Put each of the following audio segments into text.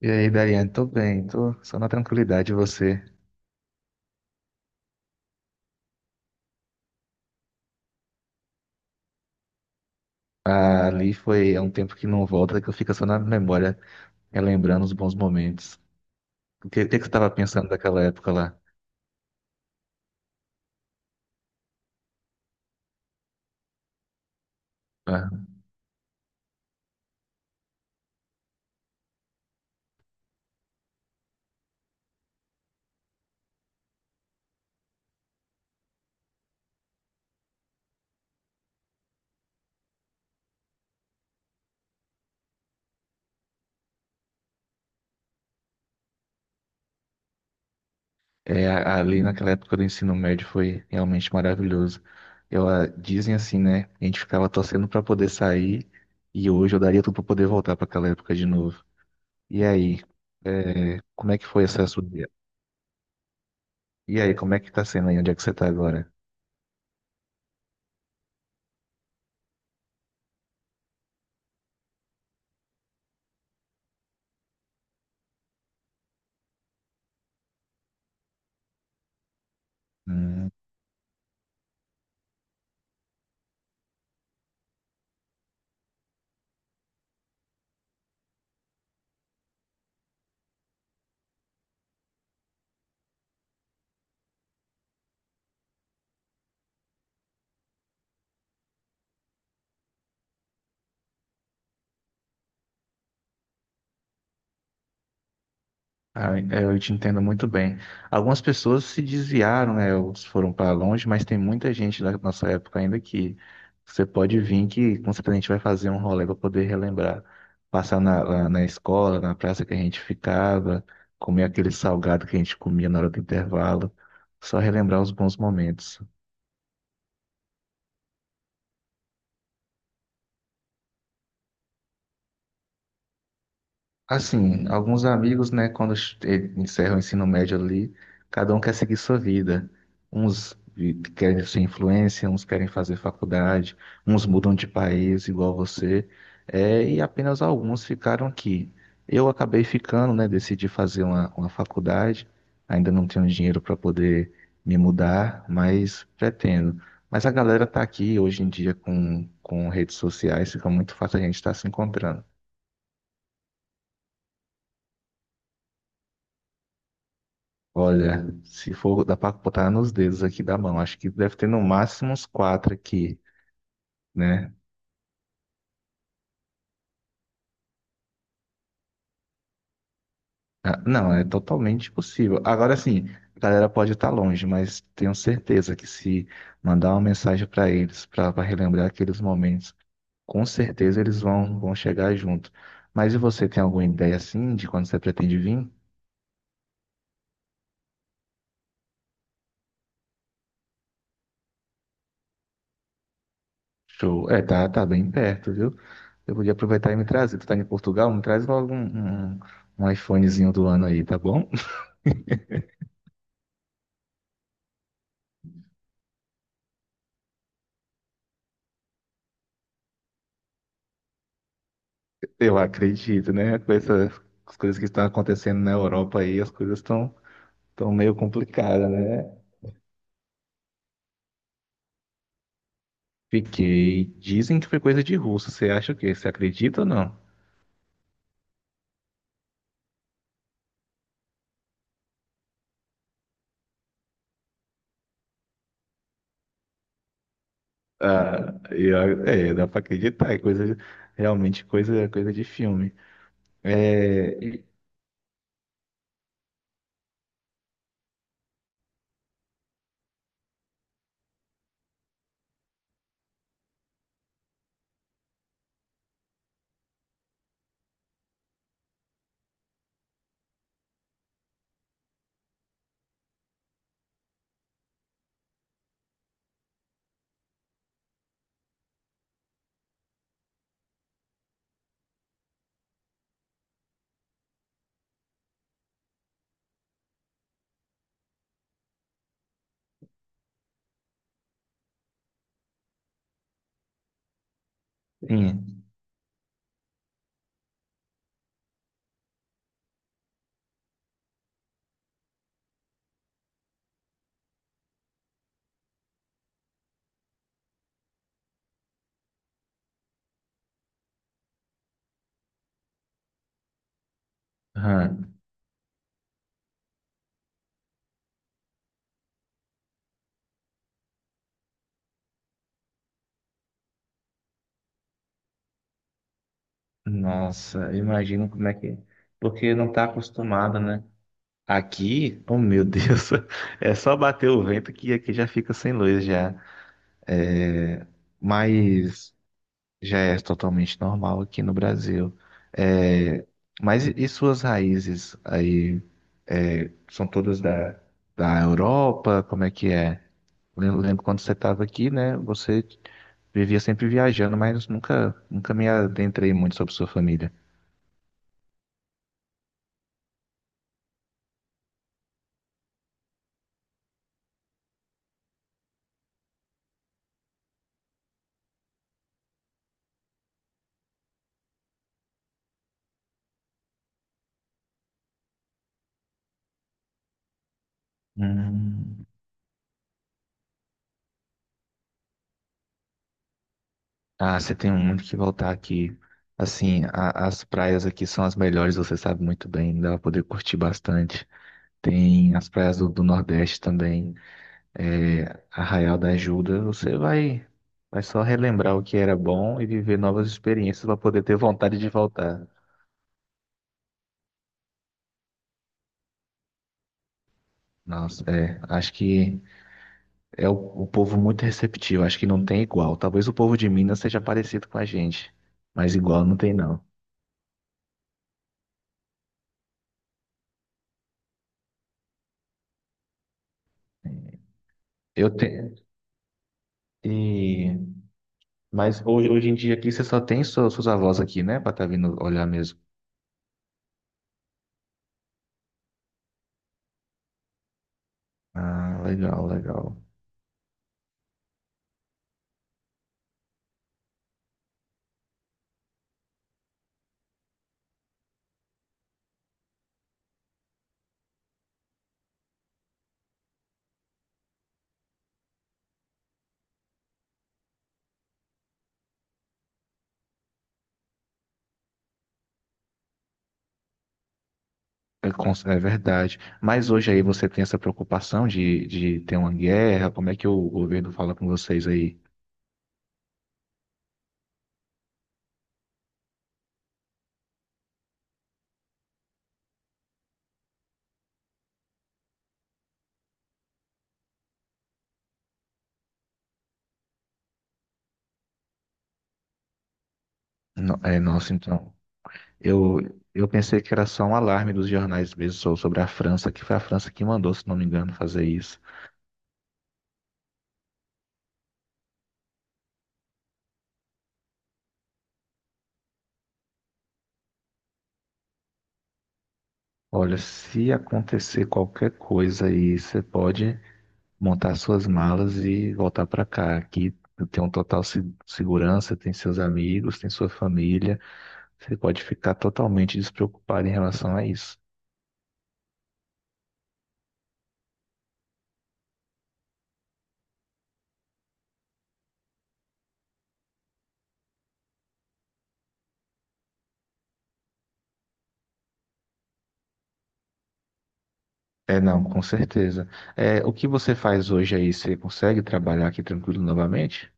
E aí, Dariane, tô bem, tô só na tranquilidade, e você? Ali foi há um tempo que não volta, que eu fico só na memória, relembrando os bons momentos. O que que você estava pensando daquela época lá? Ah, é, ali naquela época do ensino médio foi realmente maravilhoso. Eu, dizem assim, né? A gente ficava torcendo para poder sair e hoje eu daria tudo para poder voltar para aquela época de novo. E aí, é, como é que foi essa sua... E aí, como é que tá sendo aí? Onde é que você tá agora? Hum. Ah, é, eu te entendo muito bem. Algumas pessoas se desviaram, né? Ou foram para longe, mas tem muita gente da nossa época ainda que você pode vir que com certeza a gente vai fazer um rolê para poder relembrar. Passar lá na escola, na praça que a gente ficava, comer aquele salgado que a gente comia na hora do intervalo. Só relembrar os bons momentos. Assim, alguns amigos, né, quando encerram o ensino médio ali, cada um quer seguir sua vida. Uns querem ser influência, uns querem fazer faculdade, uns mudam de país, igual você. É, e apenas alguns ficaram aqui. Eu acabei ficando, né, decidi fazer uma faculdade. Ainda não tenho dinheiro para poder me mudar, mas pretendo. Mas a galera está aqui hoje em dia com redes sociais, fica muito fácil a gente estar se encontrando. Olha, se for, dá pra botar nos dedos aqui da mão. Acho que deve ter no máximo uns quatro aqui, né? Ah, não, é totalmente possível. Agora sim, a galera pode estar longe, mas tenho certeza que se mandar uma mensagem para eles, para relembrar aqueles momentos, com certeza eles vão chegar junto. Mas e você tem alguma ideia assim de quando você pretende vir? Show. É, tá, tá bem perto, viu? Eu podia aproveitar e me trazer. Tu tá em Portugal? Me traz logo um iPhonezinho do ano aí, tá bom? Eu acredito, né? Com essas as coisas que estão acontecendo na Europa aí, as coisas estão meio complicadas, né? Fiquei. Dizem que foi coisa de russo. Você acha o quê? Você acredita ou não? Ah, é, dá pra acreditar. É coisa, realmente coisa de filme. É, e- sim. Aham. Nossa, imagino como é que é. Porque não tá acostumado, né? Aqui, oh meu Deus, é só bater o vento que aqui já fica sem luz já. É, mas. Já é totalmente normal aqui no Brasil. É, mas e suas raízes aí é, são todas da, da Europa? Como é que é? Lembro, lembro quando você estava aqui, né? Você vivia sempre viajando, mas nunca, nunca me adentrei muito sobre sua família. Hum. Ah, você tem muito que voltar aqui. Assim, as praias aqui são as melhores, você sabe muito bem, dá pra poder curtir bastante. Tem as praias do, do Nordeste também. É, Arraial da Ajuda, você vai só relembrar o que era bom e viver novas experiências para poder ter vontade de voltar. Nossa, é, acho que é o povo muito receptivo, acho que não tem igual. Talvez o povo de Minas seja parecido com a gente, mas igual não tem não. Eu tenho, e, mas hoje em dia aqui você só tem suas avós aqui, né, para estar vindo olhar mesmo. Ah, legal, legal. É, é verdade. Mas hoje aí você tem essa preocupação de ter uma guerra? Como é que o governo fala com vocês aí? É, nossa, então. Eu, eu pensei que era só um alarme dos jornais mesmo sobre a França, que foi a França que mandou, se não me engano, fazer isso. Olha, se acontecer qualquer coisa aí, você pode montar suas malas e voltar para cá. Aqui tem um total segurança, tem seus amigos, tem sua família. Você pode ficar totalmente despreocupado em relação a isso. É, não, com certeza. É, o que você faz hoje aí, você consegue trabalhar aqui tranquilo novamente?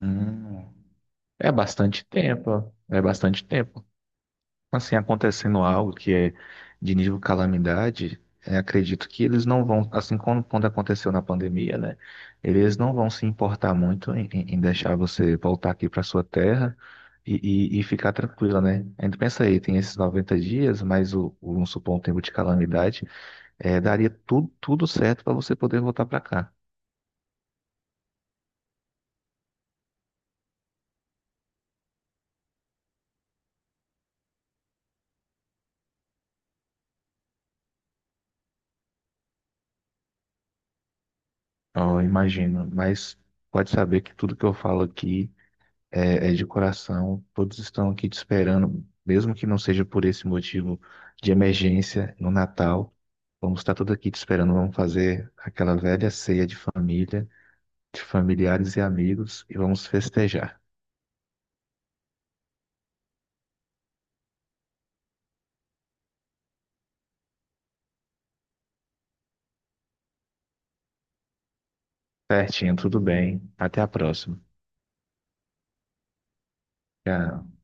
Hum, é bastante tempo, é bastante tempo. Assim, acontecendo algo que é de nível calamidade, é, acredito que eles não vão, assim como quando aconteceu na pandemia, né? Eles não vão se importar muito em, em deixar você voltar aqui para sua terra e, e ficar tranquila, né? Ainda pensa aí, tem esses 90 dias, mais vamos supor, um tempo de calamidade. É, daria tudo, tudo certo para você poder voltar para cá. Eu imagino, mas pode saber que tudo que eu falo aqui é, é de coração. Todos estão aqui te esperando, mesmo que não seja por esse motivo de emergência no Natal. Vamos estar todos aqui te esperando. Vamos fazer aquela velha ceia de família, de familiares e amigos e vamos festejar. Certinho, tudo bem. Até a próxima. Tchau.